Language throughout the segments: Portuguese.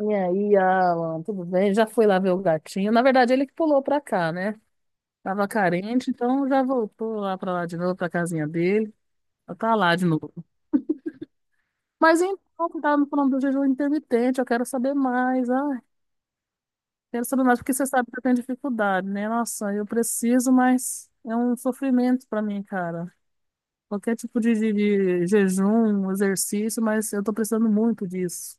E aí, Alan, tudo bem? Já fui lá ver o gatinho. Na verdade, ele que pulou pra cá, né? Tava carente, então já voltou lá pra lá de novo, pra casinha dele. Já tá lá de novo. Mas então, você tava me falando do jejum intermitente, eu quero saber mais. Ah, quero saber mais, porque você sabe que eu tenho dificuldade, né? Nossa, eu preciso, mas é um sofrimento pra mim, cara. Qualquer tipo de, de jejum, exercício, mas eu tô precisando muito disso.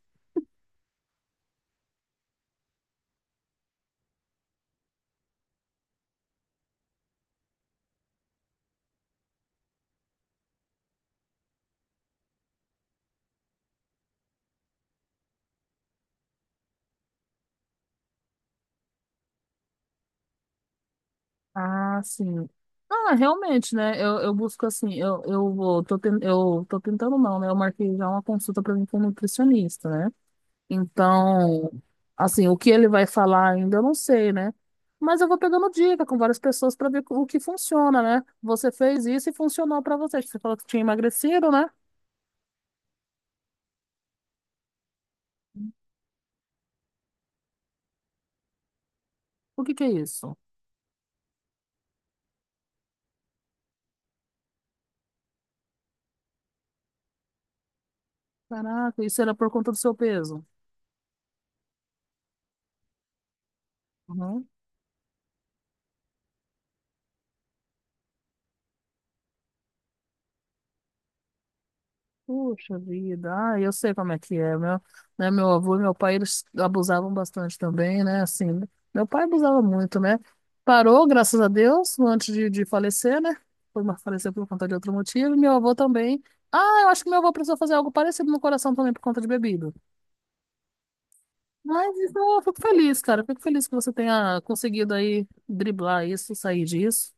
Ah, sim. Ah, realmente, né? Eu busco assim, eu tô tentando não, né? Eu marquei já uma consulta para mim com um nutricionista, né? Então, assim, o que ele vai falar ainda eu não sei, né? Mas eu vou pegando dica com várias pessoas para ver o que funciona, né? Você fez isso e funcionou para você. Você falou que tinha emagrecido, né? O que que é isso? Caraca, isso era por conta do seu peso. Uhum. Puxa vida, ah, eu sei como é que é. Né, meu avô e meu pai, eles abusavam bastante também, né? Assim, né. Meu pai abusava muito, né? Parou, graças a Deus, antes de falecer, né? Faleceu por conta de outro motivo. E meu avô também. Ah, eu acho que meu avô precisou fazer algo parecido no coração também por conta de bebida. Mas então, eu fico feliz, cara. Eu fico feliz que você tenha conseguido aí driblar isso, sair disso,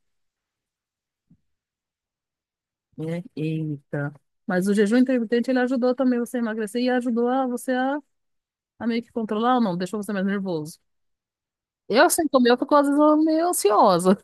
né? Eita. Mas o jejum intermitente, ele ajudou também você a emagrecer e ajudou a você a meio que controlar ou não? Deixou você mais nervoso. Eu, sem comer, eu fico às vezes meio ansiosa.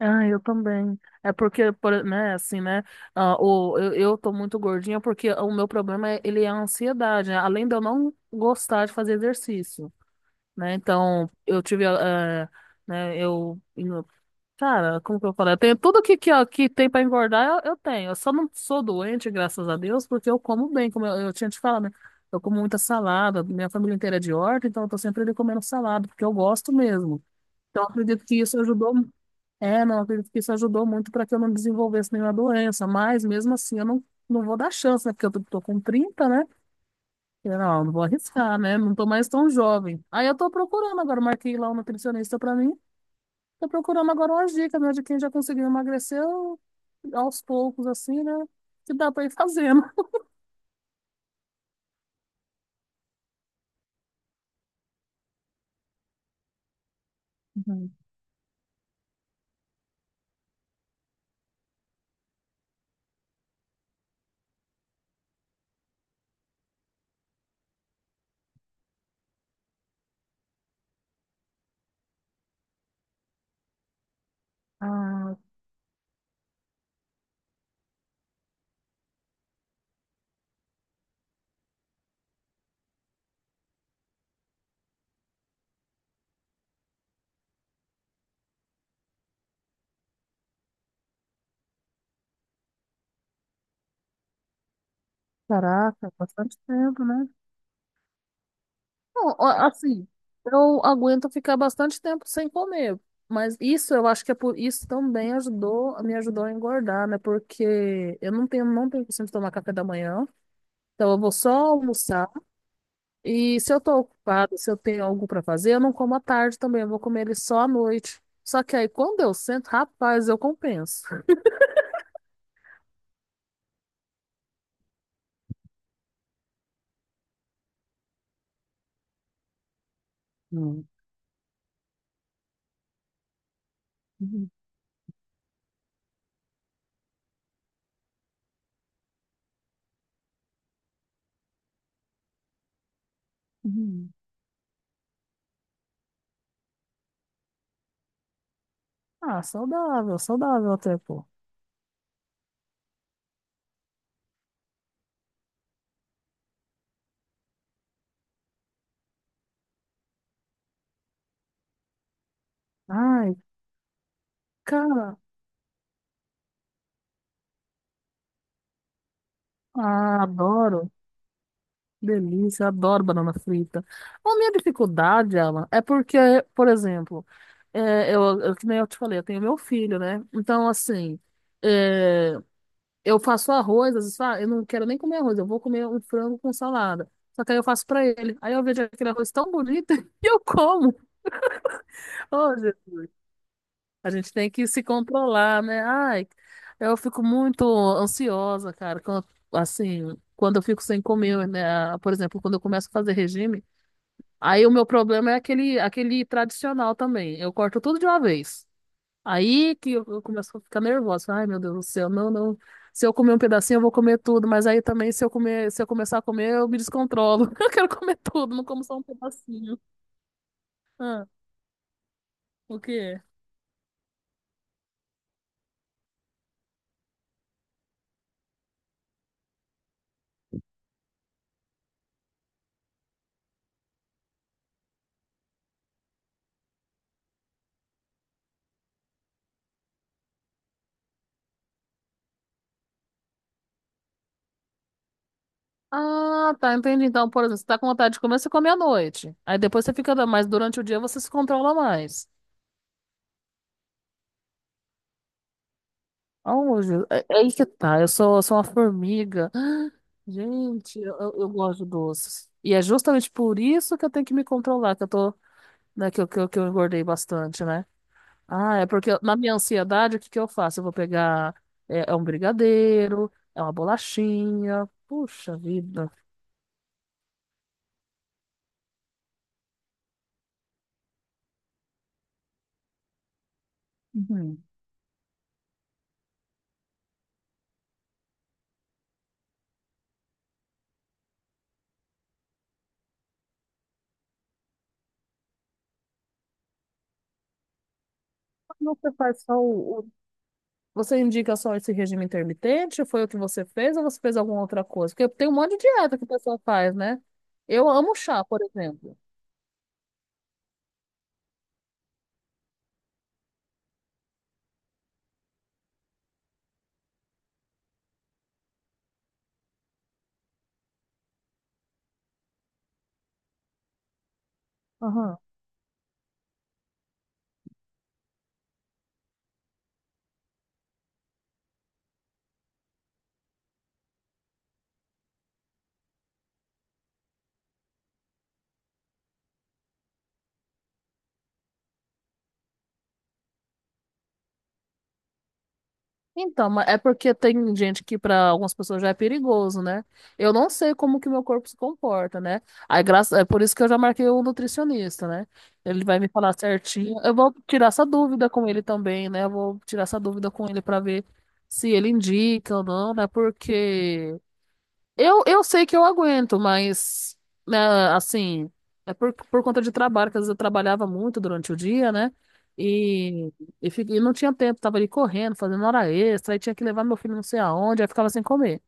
Ah, eu também. É porque, né, assim, né, ah, eu tô muito gordinha porque o meu problema, é, ele é a ansiedade, né? Além de eu não gostar de fazer exercício, né? Então, eu tive, ah, né, eu Cara, como que eu falei? Eu tenho tudo que, ó, que tem pra engordar, eu tenho. Eu só não sou doente, graças a Deus, porque eu como bem, como eu tinha te falado, né? Eu como muita salada, minha família inteira é de horta, então eu tô sempre ali comendo salada, porque eu gosto mesmo. Então eu acredito que isso ajudou. É, não, eu acredito que isso ajudou muito para que eu não desenvolvesse nenhuma doença, mas mesmo assim eu não vou dar chance, né? Porque eu tô com 30, né? Não, não vou arriscar, né? Não tô mais tão jovem. Aí eu tô procurando agora, marquei lá um nutricionista para mim. Tô procurando agora umas dicas, né, de quem já conseguiu emagrecer aos poucos, assim, né? Que dá pra ir fazendo. Uhum. Ah, caraca, bastante tempo, né? Não, ó, assim, eu aguento ficar bastante tempo sem comer, mas isso eu acho que é por isso também ajudou, me ajudou a engordar, né? Porque eu não tenho costume de tomar café da manhã, então eu vou só almoçar. E se eu tô ocupada, se eu tenho algo pra fazer, eu não como à tarde também, eu vou comer ele só à noite. Só que aí quando eu sento, rapaz, eu compenso. Hum, hum, hum. Ah, saudável, saudável até, pô. Ai, cara, ah, adoro. Delícia, adoro banana frita. A minha dificuldade, Alan, é porque, por exemplo, é, que nem eu te falei, eu tenho meu filho, né? Então, assim, é. Eu faço arroz, às vezes falo, "Ah, eu não quero nem comer arroz, eu vou comer um frango com salada." Só que aí eu faço pra ele. Aí eu vejo aquele arroz tão bonito e eu como. Hoje, a gente tem que se controlar, né? Ai, eu fico muito ansiosa, cara, quando eu fico sem comer, né? Por exemplo, quando eu começo a fazer regime, aí o meu problema é aquele tradicional também. Eu corto tudo de uma vez. Aí que eu começo a ficar nervosa. Ai, meu Deus do céu, não, não. Se eu comer um pedacinho, eu vou comer tudo, mas aí também, se eu comer, se eu começar a comer, eu me descontrolo. Eu quero comer tudo, não como só um pedacinho. Ah, o quê? Ah, tá, entendi. Então, por exemplo, você tá com vontade de comer, você come à noite. Aí depois você fica, mas durante o dia você se controla mais. Ah, meu Deus. É aí que tá, eu sou uma formiga. Gente, eu gosto de doces. E é justamente por isso que eu tenho que me controlar, que eu tô, né, que eu engordei bastante, né? Ah, é porque na minha ansiedade, o que que eu faço? Eu vou pegar, é um brigadeiro, é uma bolachinha. Puxa vida. Uhum. Você faz só o- Você indica só esse regime intermitente? Foi o que você fez ou você fez alguma outra coisa? Porque tem um monte de dieta que o pessoal faz, né? Eu amo chá, por exemplo. Então, é porque tem gente que para algumas pessoas já é perigoso, né? Eu não sei como que meu corpo se comporta, né? Aí, é por isso que eu já marquei o nutricionista, né? Ele vai me falar certinho. Eu vou tirar essa dúvida com ele também, né? Eu vou tirar essa dúvida com ele para ver se ele indica ou não, né? Porque eu sei que eu aguento, mas, né, assim, é por conta de trabalho, que às vezes eu trabalhava muito durante o dia, né? E, e não tinha tempo, tava ali correndo, fazendo hora extra, aí tinha que levar meu filho não sei aonde, aí ficava sem comer.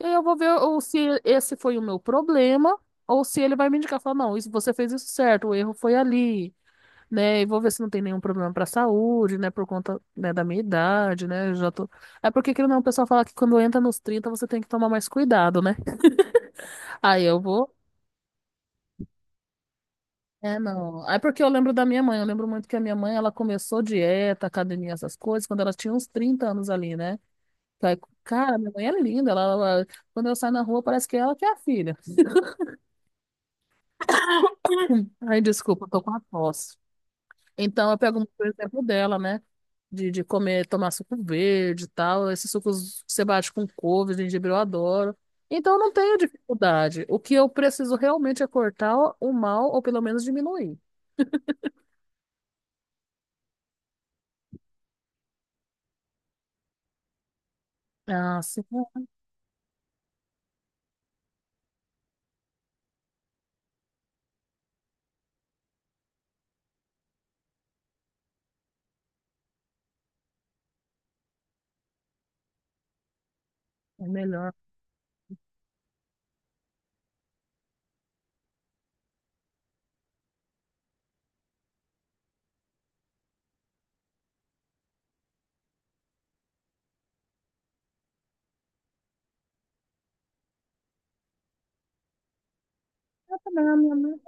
E aí eu vou ver ou se esse foi o meu problema, ou se ele vai me indicar, falar, não, isso, você fez isso certo, o erro foi ali, né? E vou ver se não tem nenhum problema pra saúde, né? Por conta, né, da minha idade, né? Eu já tô... É porque, querendo ou não, o pessoal fala que quando entra nos 30 você tem que tomar mais cuidado, né? Aí eu vou. É, não. É porque eu lembro da minha mãe. Eu lembro muito que a minha mãe, ela começou dieta, academia, essas coisas, quando ela tinha uns 30 anos ali, né? Aí, cara, minha mãe é linda. Quando eu saio na rua, parece que é ela que é a filha. Ai, desculpa, eu tô com a tosse. Então, eu pego muito o exemplo dela, né? De comer, tomar suco verde e tal. Esses sucos que você bate com couve, gengibre, eu adoro. Então, eu não tenho dificuldade. O que eu preciso realmente é cortar o mal, ou pelo menos diminuir. Ah, sim, é melhor. Não,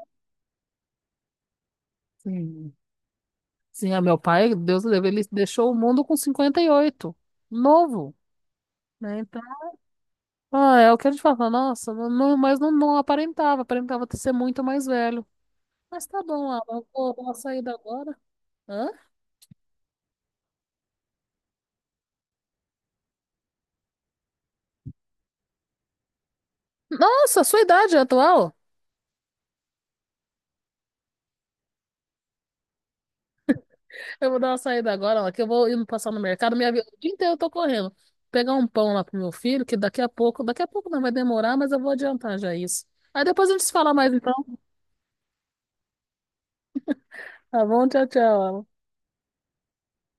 Sim. Sim, a meu pai, Deus o livre, ele deixou o mundo com 58 novo, né? Então, ah, é o que a gente fala, nossa, mas não, não aparentava ter ser muito mais velho. Mas tá bom, Alan, eu vou dar uma saída agora. Hã? Nossa, sua idade é atual? Eu vou dar uma saída agora, Alan, que eu vou indo passar no mercado, minha vida, o dia inteiro eu tô correndo. Pegar um pão lá pro meu filho, que daqui a pouco não vai demorar, mas eu vou adiantar já isso. Aí depois a gente se fala mais então, tá bom? Tchau, tchau, Alan.